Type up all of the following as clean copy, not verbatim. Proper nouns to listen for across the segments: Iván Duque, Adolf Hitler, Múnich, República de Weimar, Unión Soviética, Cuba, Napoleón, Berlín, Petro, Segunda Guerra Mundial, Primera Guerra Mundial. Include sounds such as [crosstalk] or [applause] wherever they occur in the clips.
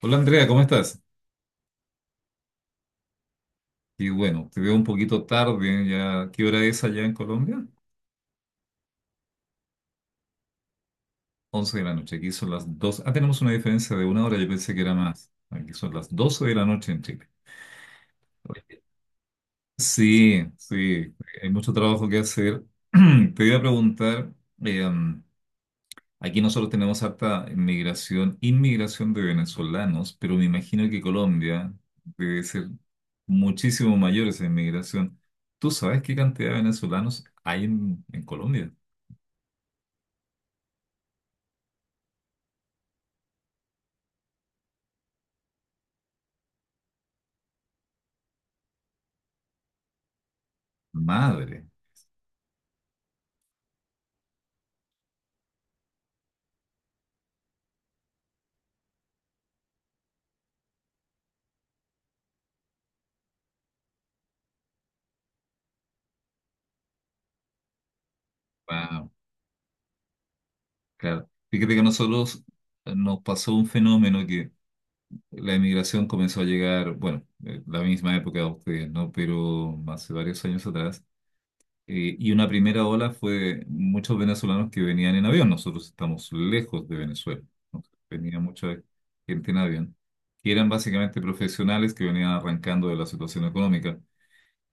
Hola Andrea, ¿cómo estás? Y bueno, te veo un poquito tarde, ya, ¿qué hora es allá en Colombia? 11 de la noche, aquí son las 2. Ah, tenemos una diferencia de una hora, yo pensé que era más. Aquí son las 12 de la noche en Chile. Sí, sí, hay mucho trabajo que hacer. [clears throat] Te iba a preguntar, eh, aquí nosotros tenemos harta migración, inmigración de venezolanos, pero me imagino que Colombia debe ser muchísimo mayor esa inmigración. ¿Tú sabes qué cantidad de venezolanos hay en Colombia? Madre, wow, claro. Fíjate que a nosotros nos pasó un fenómeno que la emigración comenzó a llegar, bueno, la misma época de ustedes, ¿no? Pero hace varios años atrás. Y una primera ola fue muchos venezolanos que venían en avión. Nosotros estamos lejos de Venezuela. ¿No? Venía mucha gente en avión, que eran básicamente profesionales que venían arrancando de la situación económica.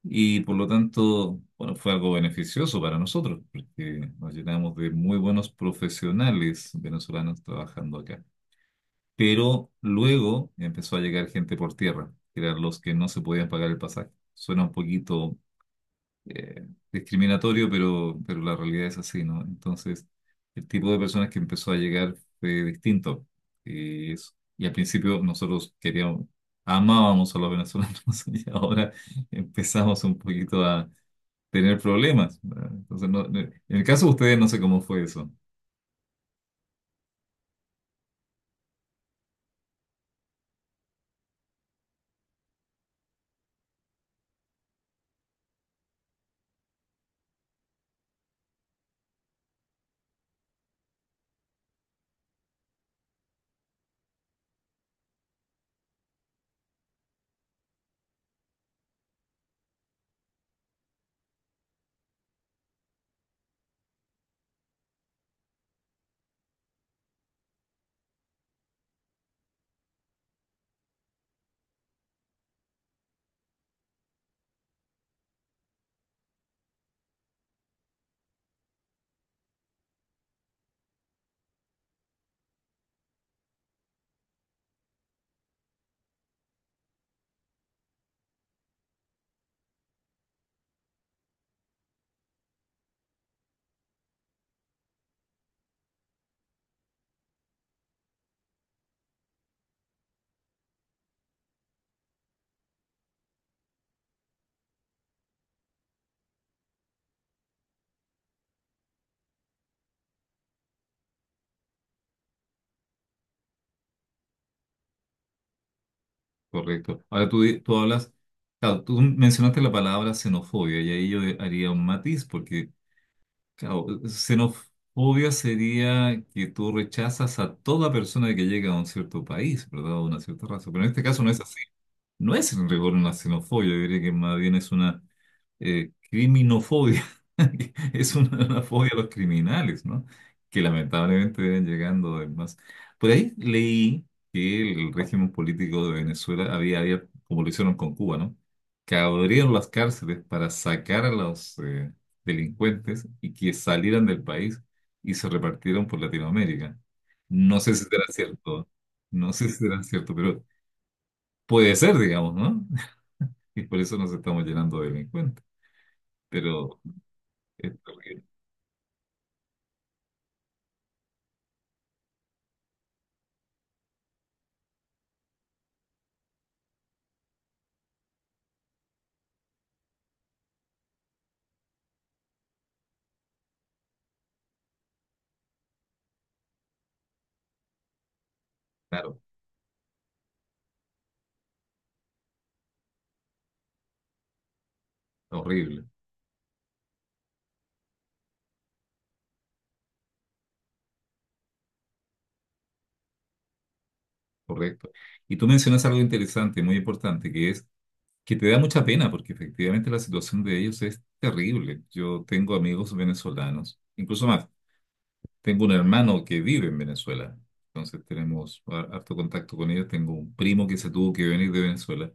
Y por lo tanto, bueno, fue algo beneficioso para nosotros, porque nos llenamos de muy buenos profesionales venezolanos trabajando acá. Pero luego empezó a llegar gente por tierra, que eran los que no se podían pagar el pasaje. Suena un poquito discriminatorio, pero la realidad es así, ¿no? Entonces, el tipo de personas que empezó a llegar fue distinto. Y al principio nosotros queríamos, amábamos a los venezolanos [laughs] y ahora empezamos un poquito a tener problemas. ¿Verdad? Entonces, en el caso de ustedes, no sé cómo fue eso, correcto. Ahora tú hablas, claro, tú mencionaste la palabra xenofobia y ahí yo haría un matiz, porque, claro, xenofobia sería que tú rechazas a toda persona que llega a un cierto país, ¿verdad? A una cierta raza. Pero en este caso no es así. No es en rigor una xenofobia, yo diría que más bien es una criminofobia, [laughs] es una fobia a los criminales, ¿no? Que lamentablemente vienen llegando además. Por ahí leí que el régimen político de Venezuela había, como lo hicieron con Cuba, ¿no? Que abrieron las cárceles para sacar a los delincuentes y que salieran del país y se repartieron por Latinoamérica. No sé si será cierto, pero puede ser, digamos, ¿no? [laughs] Y por eso nos estamos llenando de delincuentes. Pero es horrible, claro, horrible, correcto. Y tú mencionas algo interesante, muy importante, que es que te da mucha pena porque efectivamente la situación de ellos es terrible. Yo tengo amigos venezolanos, incluso más, tengo un hermano que vive en Venezuela, entonces tenemos harto contacto con ellos, tengo un primo que se tuvo que venir de Venezuela.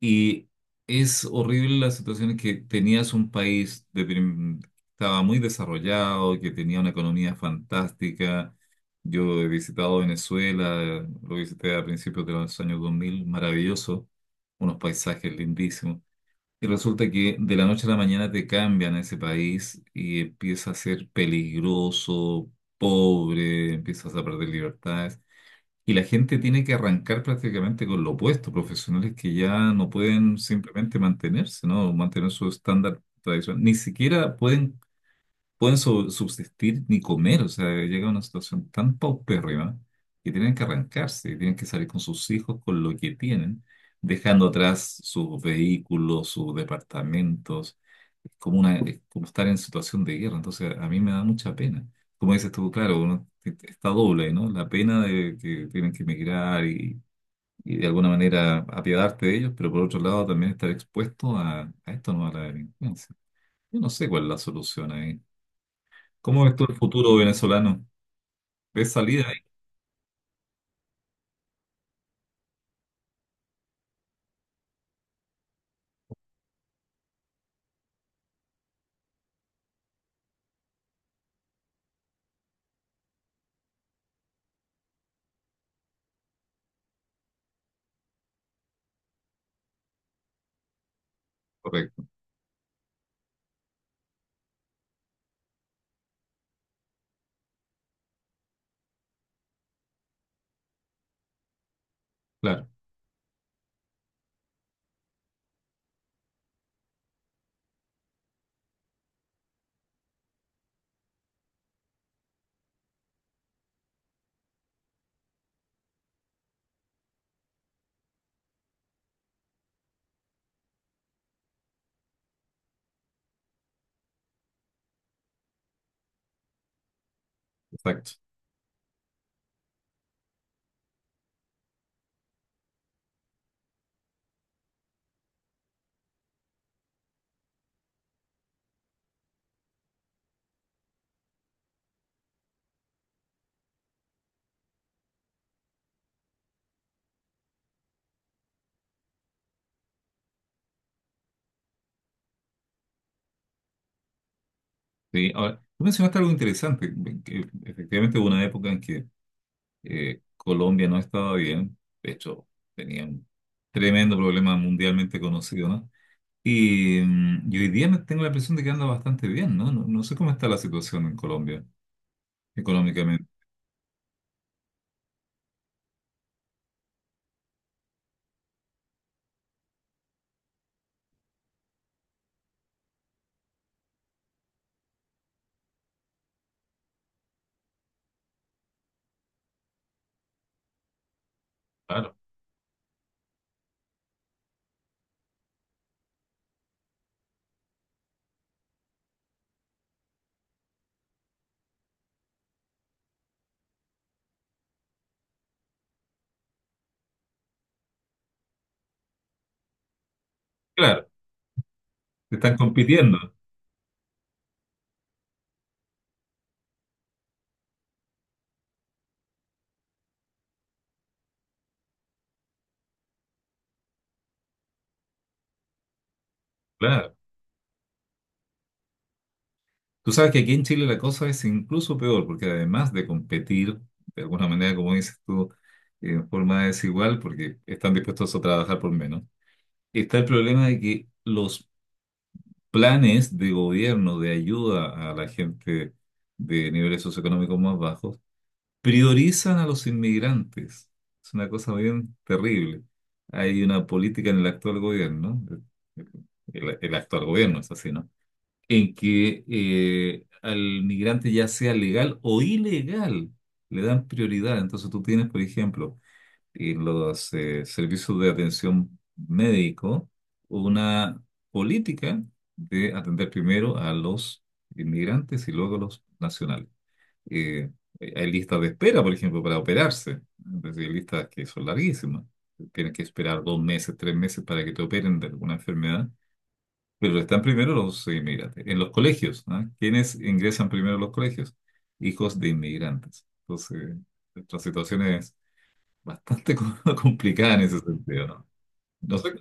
Y es horrible la situación en que tenías un país de que estaba muy desarrollado, que tenía una economía fantástica. Yo he visitado Venezuela, lo visité a principios de los años 2000, maravilloso, unos paisajes lindísimos. Y resulta que de la noche a la mañana te cambian ese país y empieza a ser peligroso, pobre, empiezas a perder libertades. Y la gente tiene que arrancar prácticamente con lo opuesto, profesionales que ya no pueden simplemente mantenerse, ¿no? Mantener su estándar tradicional. Ni siquiera pueden subsistir ni comer, o sea, llega a una situación tan paupérrima que tienen que arrancarse, y tienen que salir con sus hijos, con lo que tienen, dejando atrás sus vehículos, sus departamentos, es como estar en situación de guerra, entonces a mí me da mucha pena. Como dices tú, claro, uno está doble, ¿no? La pena de que tienen que emigrar y de alguna manera apiadarte de ellos, pero por otro lado también estar expuesto a esto, ¿no? A la delincuencia. Yo no sé cuál es la solución ahí. ¿Cómo ves tú el futuro venezolano? ¿Ves salida ahí? Correcto, claro, exacto. Sí, ahora, tú mencionaste algo interesante, que efectivamente hubo una época en que Colombia no estaba bien, de hecho tenía un tremendo problema mundialmente conocido, ¿no? Y hoy día me tengo la impresión de que anda bastante bien, ¿no? No, no sé cómo está la situación en Colombia económicamente. Claro, claro, están compitiendo, claro. Tú sabes que aquí en Chile la cosa es incluso peor, porque además de competir, de alguna manera, como dices tú, en forma desigual, porque están dispuestos a trabajar por menos, está el problema de que los planes de gobierno de ayuda a la gente de niveles socioeconómicos más bajos priorizan a los inmigrantes. Es una cosa bien terrible. Hay una política en el actual gobierno, el actual gobierno es así, ¿no? En que al migrante ya sea legal o ilegal, le dan prioridad. Entonces tú tienes, por ejemplo, en los servicios de atención médico, una política de atender primero a los inmigrantes y luego a los nacionales. Eh, hay listas de espera, por ejemplo, para operarse. Es decir, hay listas que son larguísimas. Tienes que esperar 2 meses, 3 meses para que te operen de alguna enfermedad. Pero están primero los inmigrantes. En los colegios, ¿no? ¿Quiénes ingresan primero a los colegios? Hijos de inmigrantes. Entonces, nuestra situación es bastante [laughs] complicada en ese sentido, ¿no? No sé,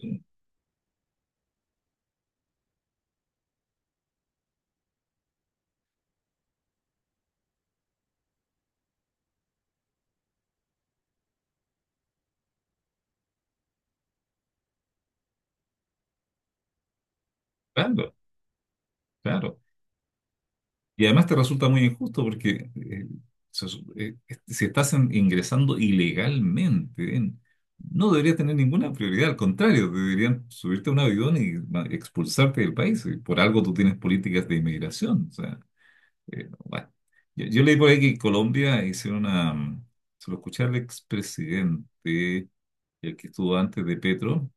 claro, claro. Y además te resulta muy injusto porque si estás ingresando ilegalmente, no debería tener ninguna prioridad. Al contrario, te deberían subirte a un avión y expulsarte del país. Y por algo tú tienes políticas de inmigración. O sea, bueno, yo leí por ahí que en Colombia hicieron una. Se lo escuché al expresidente, el que estuvo antes de Petro,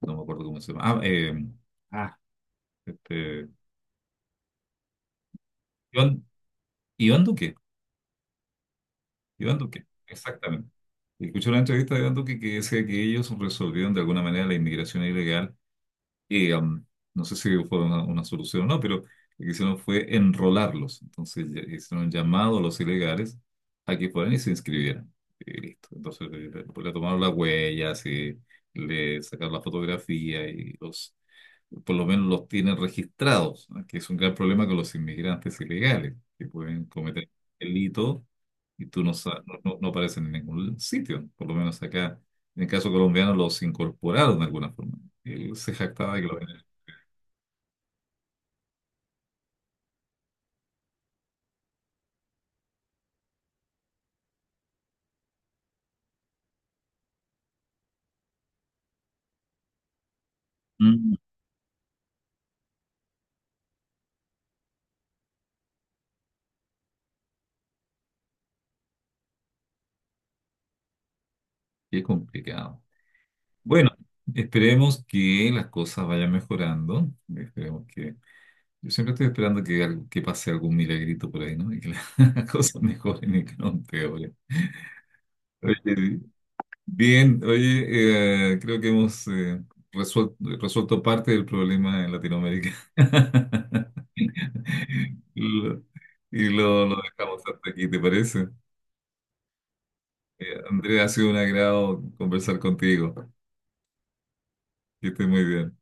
no me acuerdo cómo se llama. Ah, este, Iván, Iván Duque. Iván Duque, exactamente. Escuché una entrevista de Iván Duque que decía que ellos resolvieron de alguna manera la inmigración ilegal. eh, um, no sé si fue una solución o no, pero lo que hicieron fue enrolarlos. Entonces hicieron un llamado a los ilegales a que fueran y se inscribieran. Y listo. Entonces pues, le tomaron las huellas y le sacaron la fotografía y los, por lo menos los tienen registrados, ¿no? Que es un gran problema con los inmigrantes ilegales, que pueden cometer delito y tú no, aparecen en ningún sitio, por lo menos acá. En el caso colombiano los incorporaron de alguna forma. Él se jactaba de que los. Mm, qué complicado. Bueno, esperemos que las cosas vayan mejorando. Esperemos que. Yo siempre estoy esperando que, que pase algún milagrito por ahí, ¿no? Y que las [laughs] las cosas mejoren [laughs] y que no empeoren. Oye, bien, oye, creo que hemos resuel- resuelto parte del problema en Latinoamérica. [laughs] Lo- lo dejamos hasta aquí, ¿te parece? Andrea, ha sido un agrado conversar contigo. Que estés muy bien.